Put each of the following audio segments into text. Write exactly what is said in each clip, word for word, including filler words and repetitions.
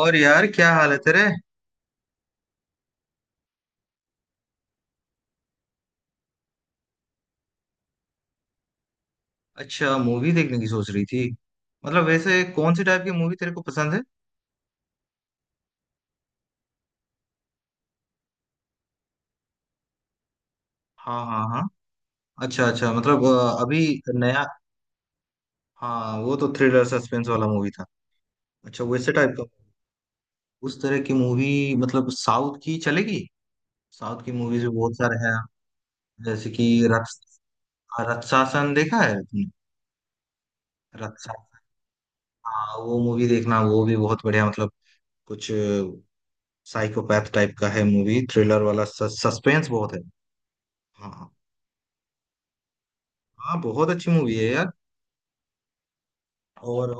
और यार, क्या हाल है तेरे। अच्छा, मूवी देखने की सोच रही थी। मतलब वैसे कौन सी टाइप की मूवी तेरे को पसंद है? हाँ हाँ हाँ। अच्छा अच्छा। मतलब अ, अभी नया। हाँ, वो तो थ्रिलर सस्पेंस वाला मूवी था। अच्छा, वैसे टाइप का। उस तरह की मूवी मतलब साउथ की चलेगी? साउथ की मूवीज भी बहुत सारे हैं। जैसे कि रक्स हाँ, रक्षासन देखा है तुमने? रक्षासन, हाँ वो मूवी देखना, वो भी बहुत बढ़िया। मतलब कुछ साइकोपैथ टाइप का है मूवी, थ्रिलर वाला, सस्पेंस बहुत है। हाँ हाँ। हाँ बहुत अच्छी मूवी है यार। और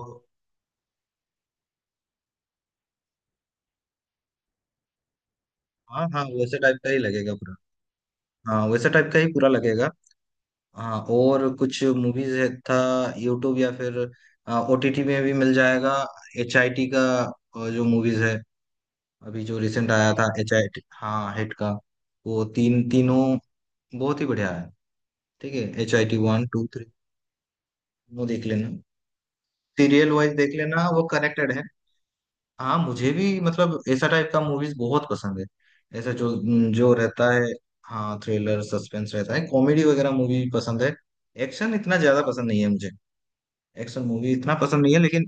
हाँ हाँ, वैसे टाइप का ही लगेगा पूरा। हाँ वैसे टाइप का ही पूरा लगेगा। हाँ और कुछ मूवीज है था। यूट्यूब या फिर ओटीटी में भी मिल जाएगा, एच आई टी का। अ, जो मूवीज है, अभी जो रिसेंट आया था एच आई टी, हाँ हिट का। वो तीन तीनों बहुत ही बढ़िया है। ठीक है, H I T one two three, तीनों देख लेना। सीरियल वाइज देख लेना, वो कनेक्टेड है। हाँ मुझे भी मतलब ऐसा टाइप का मूवीज बहुत पसंद है। ऐसा जो, जो रहता है, हाँ थ्रिलर सस्पेंस रहता है, कॉमेडी वगैरह मूवी भी पसंद है। एक्शन इतना ज्यादा पसंद नहीं है मुझे। एक्शन मूवी इतना पसंद नहीं है, लेकिन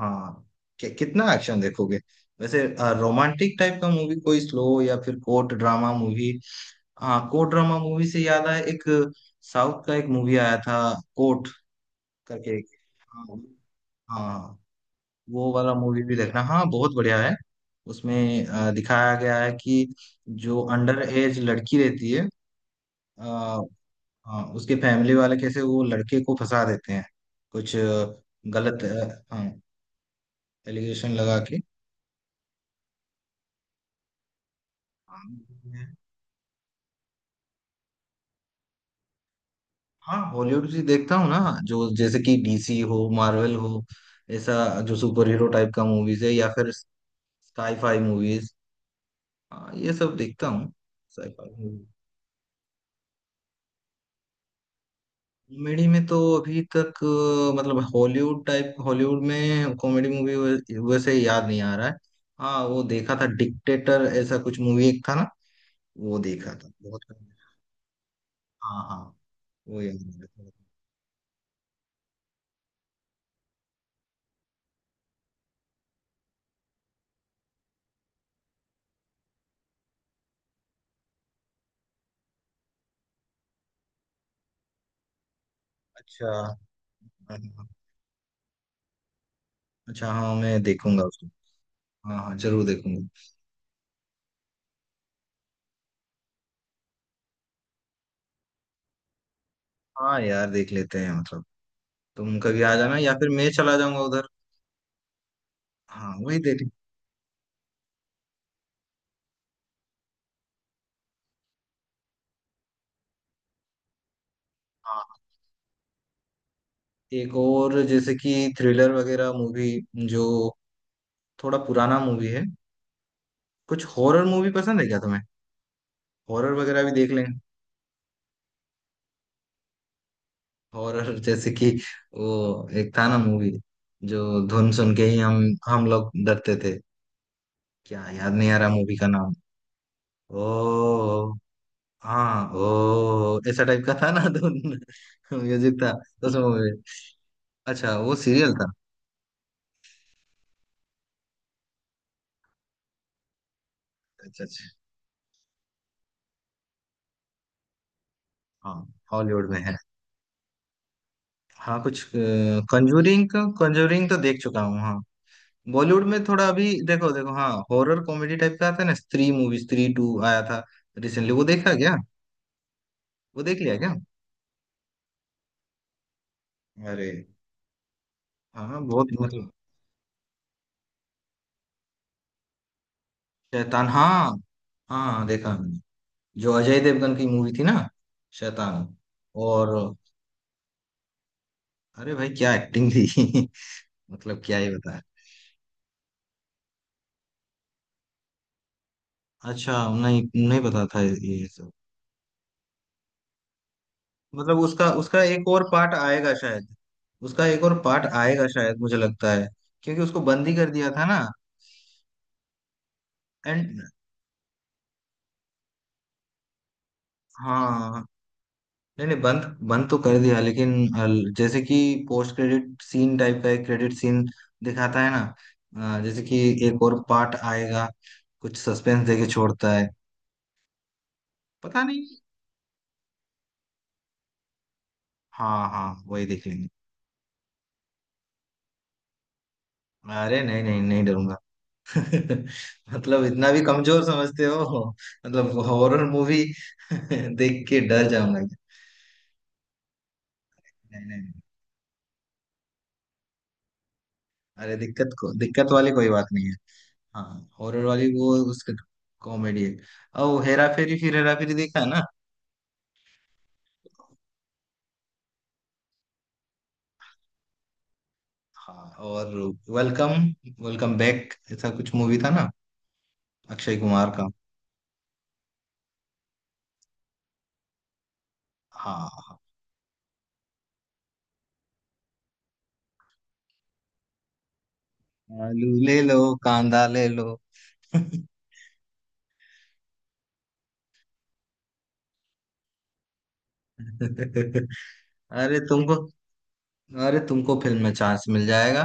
हाँ, कि, कितना एक्शन देखोगे। वैसे रोमांटिक टाइप का मूवी, कोई स्लो, या फिर कोर्ट ड्रामा मूवी। हाँ कोर्ट ड्रामा मूवी से याद आया, एक साउथ का एक मूवी आया था, कोर्ट करके। हाँ। हाँ, वो वाला मूवी भी देखना, हाँ बहुत बढ़िया है। उसमें अ, दिखाया गया है कि जो अंडर एज लड़की रहती है, अ, अ, उसके फैमिली वाले कैसे वो लड़के को फंसा देते हैं, कुछ अ, गलत अ, हाँ, एलिगेशन लगा के। हाँ हॉलीवुड भी देखता हूँ ना। जो जैसे कि डीसी हो, मार्वल हो, ऐसा जो सुपर हीरो टाइप का मूवीज है, या फिर साई फाई मूवीज, ये सब देखता हूँ। Sci fi. कॉमेडी में तो अभी तक अ, मतलब हॉलीवुड टाइप, हॉलीवुड में कॉमेडी मूवी वैसे याद नहीं आ रहा है। हाँ वो देखा था डिक्टेटर, ऐसा कुछ मूवी एक था ना, वो देखा था बहुत पहले। हाँ हाँ। वो याद आ रहा है। अच्छा। हाँ, हाँ, अच्छा। हाँ मैं देखूंगा उसको। हाँ हाँ जरूर देखूंगा। हाँ यार, देख लेते हैं मतलब। तुम कभी आ जाना या फिर मैं चला जाऊंगा उधर। हाँ वही देख। हाँ, एक और जैसे कि थ्रिलर वगैरह मूवी जो थोड़ा पुराना मूवी है। कुछ हॉरर मूवी पसंद है क्या तुम्हें? हॉरर वगैरह भी देख लें। हॉरर जैसे कि वो एक था ना मूवी, जो धुन सुन के ही हम हम लोग डरते थे, क्या याद नहीं आ रहा मूवी का नाम। ओ, हाँ। ओ, ऐसा टाइप का था ना धुन, म्यूजिक था उस मूवी। अच्छा वो सीरियल था। अच्छा अच्छा। हाँ हॉलीवुड में है। हाँ कुछ कंजूरिंग का, कंजूरिंग तो देख चुका हूँ हाँ। बॉलीवुड में थोड़ा अभी देखो देखो, हाँ हॉरर कॉमेडी टाइप का आता है ना, स्त्री मूवी, स्त्री टू आया था रिसेंटली, वो देखा क्या? वो देख लिया क्या? अरे। हाँ बहुत, मतलब शैतान, हाँ। हाँ हाँ, देखा मैंने, जो अजय देवगन की मूवी थी ना, शैतान। और अरे भाई, क्या एक्टिंग थी। मतलब क्या ही बताया। अच्छा, नहीं, नहीं पता था ये सब। मतलब उसका उसका एक और पार्ट आएगा शायद। उसका एक और पार्ट आएगा शायद, मुझे लगता है, क्योंकि उसको बंदी कर दिया था ना। एंड, हाँ नहीं नहीं बंद, बंद तो कर दिया लेकिन अल- जैसे कि पोस्ट क्रेडिट सीन टाइप का एक क्रेडिट सीन दिखाता है ना, अ, जैसे कि एक और पार्ट आएगा, कुछ सस्पेंस देके छोड़ता है। पता नहीं। हाँ हाँ वही देख लेंगे। अरे नहीं नहीं नहीं, डरूंगा मतलब इतना भी कमजोर समझते हो, मतलब हॉरर मूवी देख के डर जाऊंगा। नहीं नहीं नहीं। अरे दिक्कत को, दिक्कत वाली कोई बात नहीं है। हाँ हॉरर वाली वो उसका कॉमेडी है, ओ हेरा फेरी, फिर हेरा फेरी देखा है ना। हाँ, और वेलकम, वेलकम बैक, ऐसा कुछ मूवी था ना, अक्षय कुमार का। हाँ हाँ। आलू ले लो, कांदा ले लो। अरे तुमको, अरे तुमको फिल्म में चांस मिल जाएगा,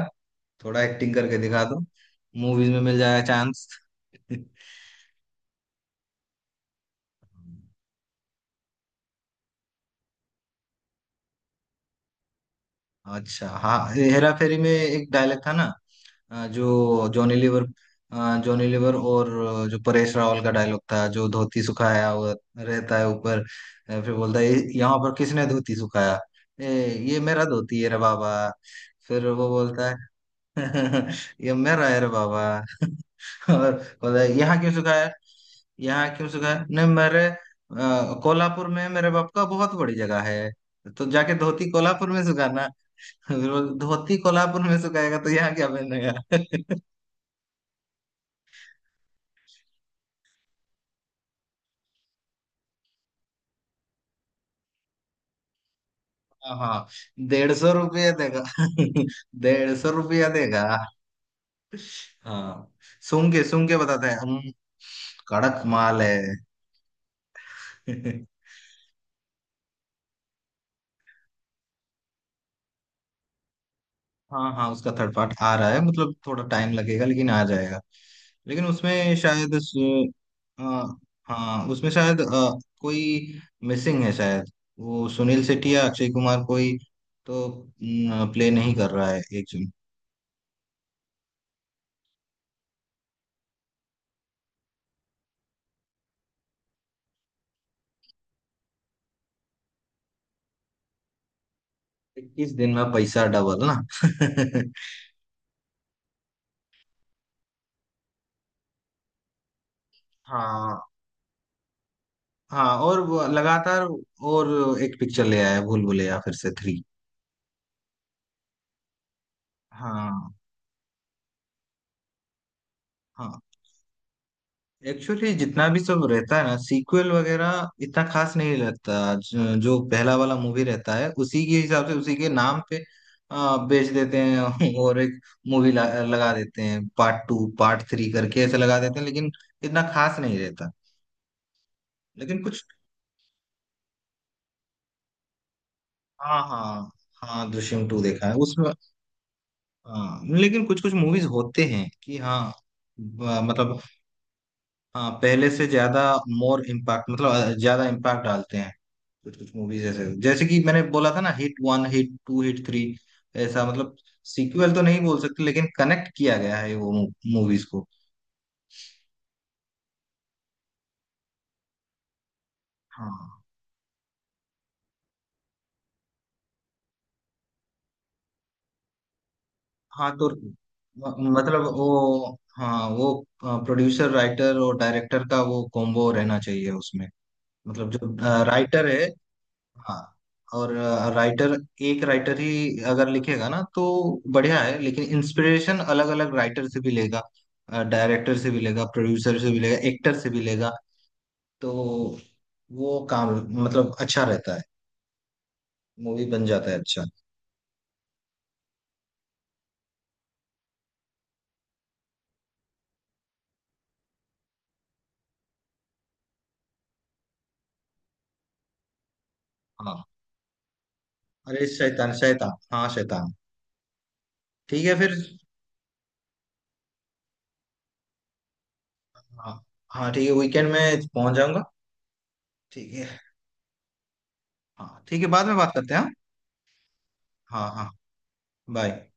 थोड़ा एक्टिंग करके दिखा दो, मूवीज में मिल जाएगा चांस। अच्छा, हाँ हेरा फेरी में एक डायलॉग था ना, अ, जो जॉनी लीवर अ, जॉनी लीवर और अ, जो परेश रावल का डायलॉग था, जो धोती सुखाया हुआ रहता है ऊपर, अ, फिर बोलता है, "ये- यहाँ पर किसने धोती सुखाया, ए, ये मेरा धोती है रे बाबा"। फिर वो बोलता है "ये मेरा है रे बाबा"। और बोलता है, यहाँ क्यों सुखाया, यहाँ क्यों सुखाया? नहीं, मेरे अ, कोल्हापुर में मेरे बाप का बहुत बड़ी जगह है, तो जाके धोती कोल्हापुर में सुखाना। फिर बोल- धोती कोल्हापुर में सुखाएगा तो यहाँ क्या पहनेगा? हाँ हाँ। डेढ़ सौ रुपया देगा। डेढ़ सौ रुपया देगा। हाँ सुन के सुन के बताते हैं हम, कड़क माल है। हाँ हाँ उसका थर्ड पार्ट आ रहा है, मतलब थोड़ा टाइम लगेगा लेकिन आ जाएगा, लेकिन उसमें शायद स- हाँ, हाँ उसमें शायद अ, कोई मिसिंग है शायद। वो सुनील शेट्टी या अक्षय कुमार कोई तो प्ले नहीं कर रहा है एक जन। इक्कीस दिन में पैसा डबल ना। हाँ हाँ। और वो लगातार और एक पिक्चर ले आया, भूल भुलैया फिर से थ्री। हाँ हाँ। एक्चुअली जितना भी सब रहता है ना, सीक्वल वगैरह इतना खास नहीं लगता, ज- जो पहला वाला मूवी रहता है उसी के हिसाब से, उसी के नाम पे आ, बेच देते हैं। और एक मूवी लगा देते हैं, पार्ट टू पार्ट थ्री करके ऐसे लगा देते हैं, लेकिन इतना खास नहीं रहता। लेकिन कुछ, हाँ हाँ हाँ, दृश्यम टू देखा है उसमें। हाँ लेकिन कुछ कुछ मूवीज होते हैं कि हाँ, ब- मतलब हाँ, पहले से ज्यादा मोर इम्पैक्ट, मतलब ज्यादा इम्पैक्ट डालते हैं कुछ कुछ मूवीज ऐसे, जैसे कि मैंने बोला था ना, hit one hit two hit three, ऐसा। मतलब सीक्वल तो नहीं बोल सकते, लेकिन कनेक्ट किया गया है वो मूवीज को। हाँ हाँ, तो म- मतलब वो, हाँ वो प्रोड्यूसर राइटर और डायरेक्टर का वो कॉम्बो रहना चाहिए उसमें, मतलब जो राइटर है, हाँ, और राइटर, एक राइटर ही अगर लिखेगा ना तो बढ़िया है, लेकिन इंस्पिरेशन अलग अलग राइटर से भी लेगा, डायरेक्टर से भी लेगा, प्रोड्यूसर से भी लेगा, एक्टर से भी लेगा, तो वो काम मतलब अच्छा रहता है, मूवी बन जाता है अच्छा। हाँ। अरे शैतान, शैतान, हाँ शैतान। ठीक है फिर। हाँ हाँ ठीक है, वीकेंड में पहुंच जाऊंगा, ठीक है। हाँ ठीक है, बाद में बात करते हैं। हाँ हाँ हाँ, बाय।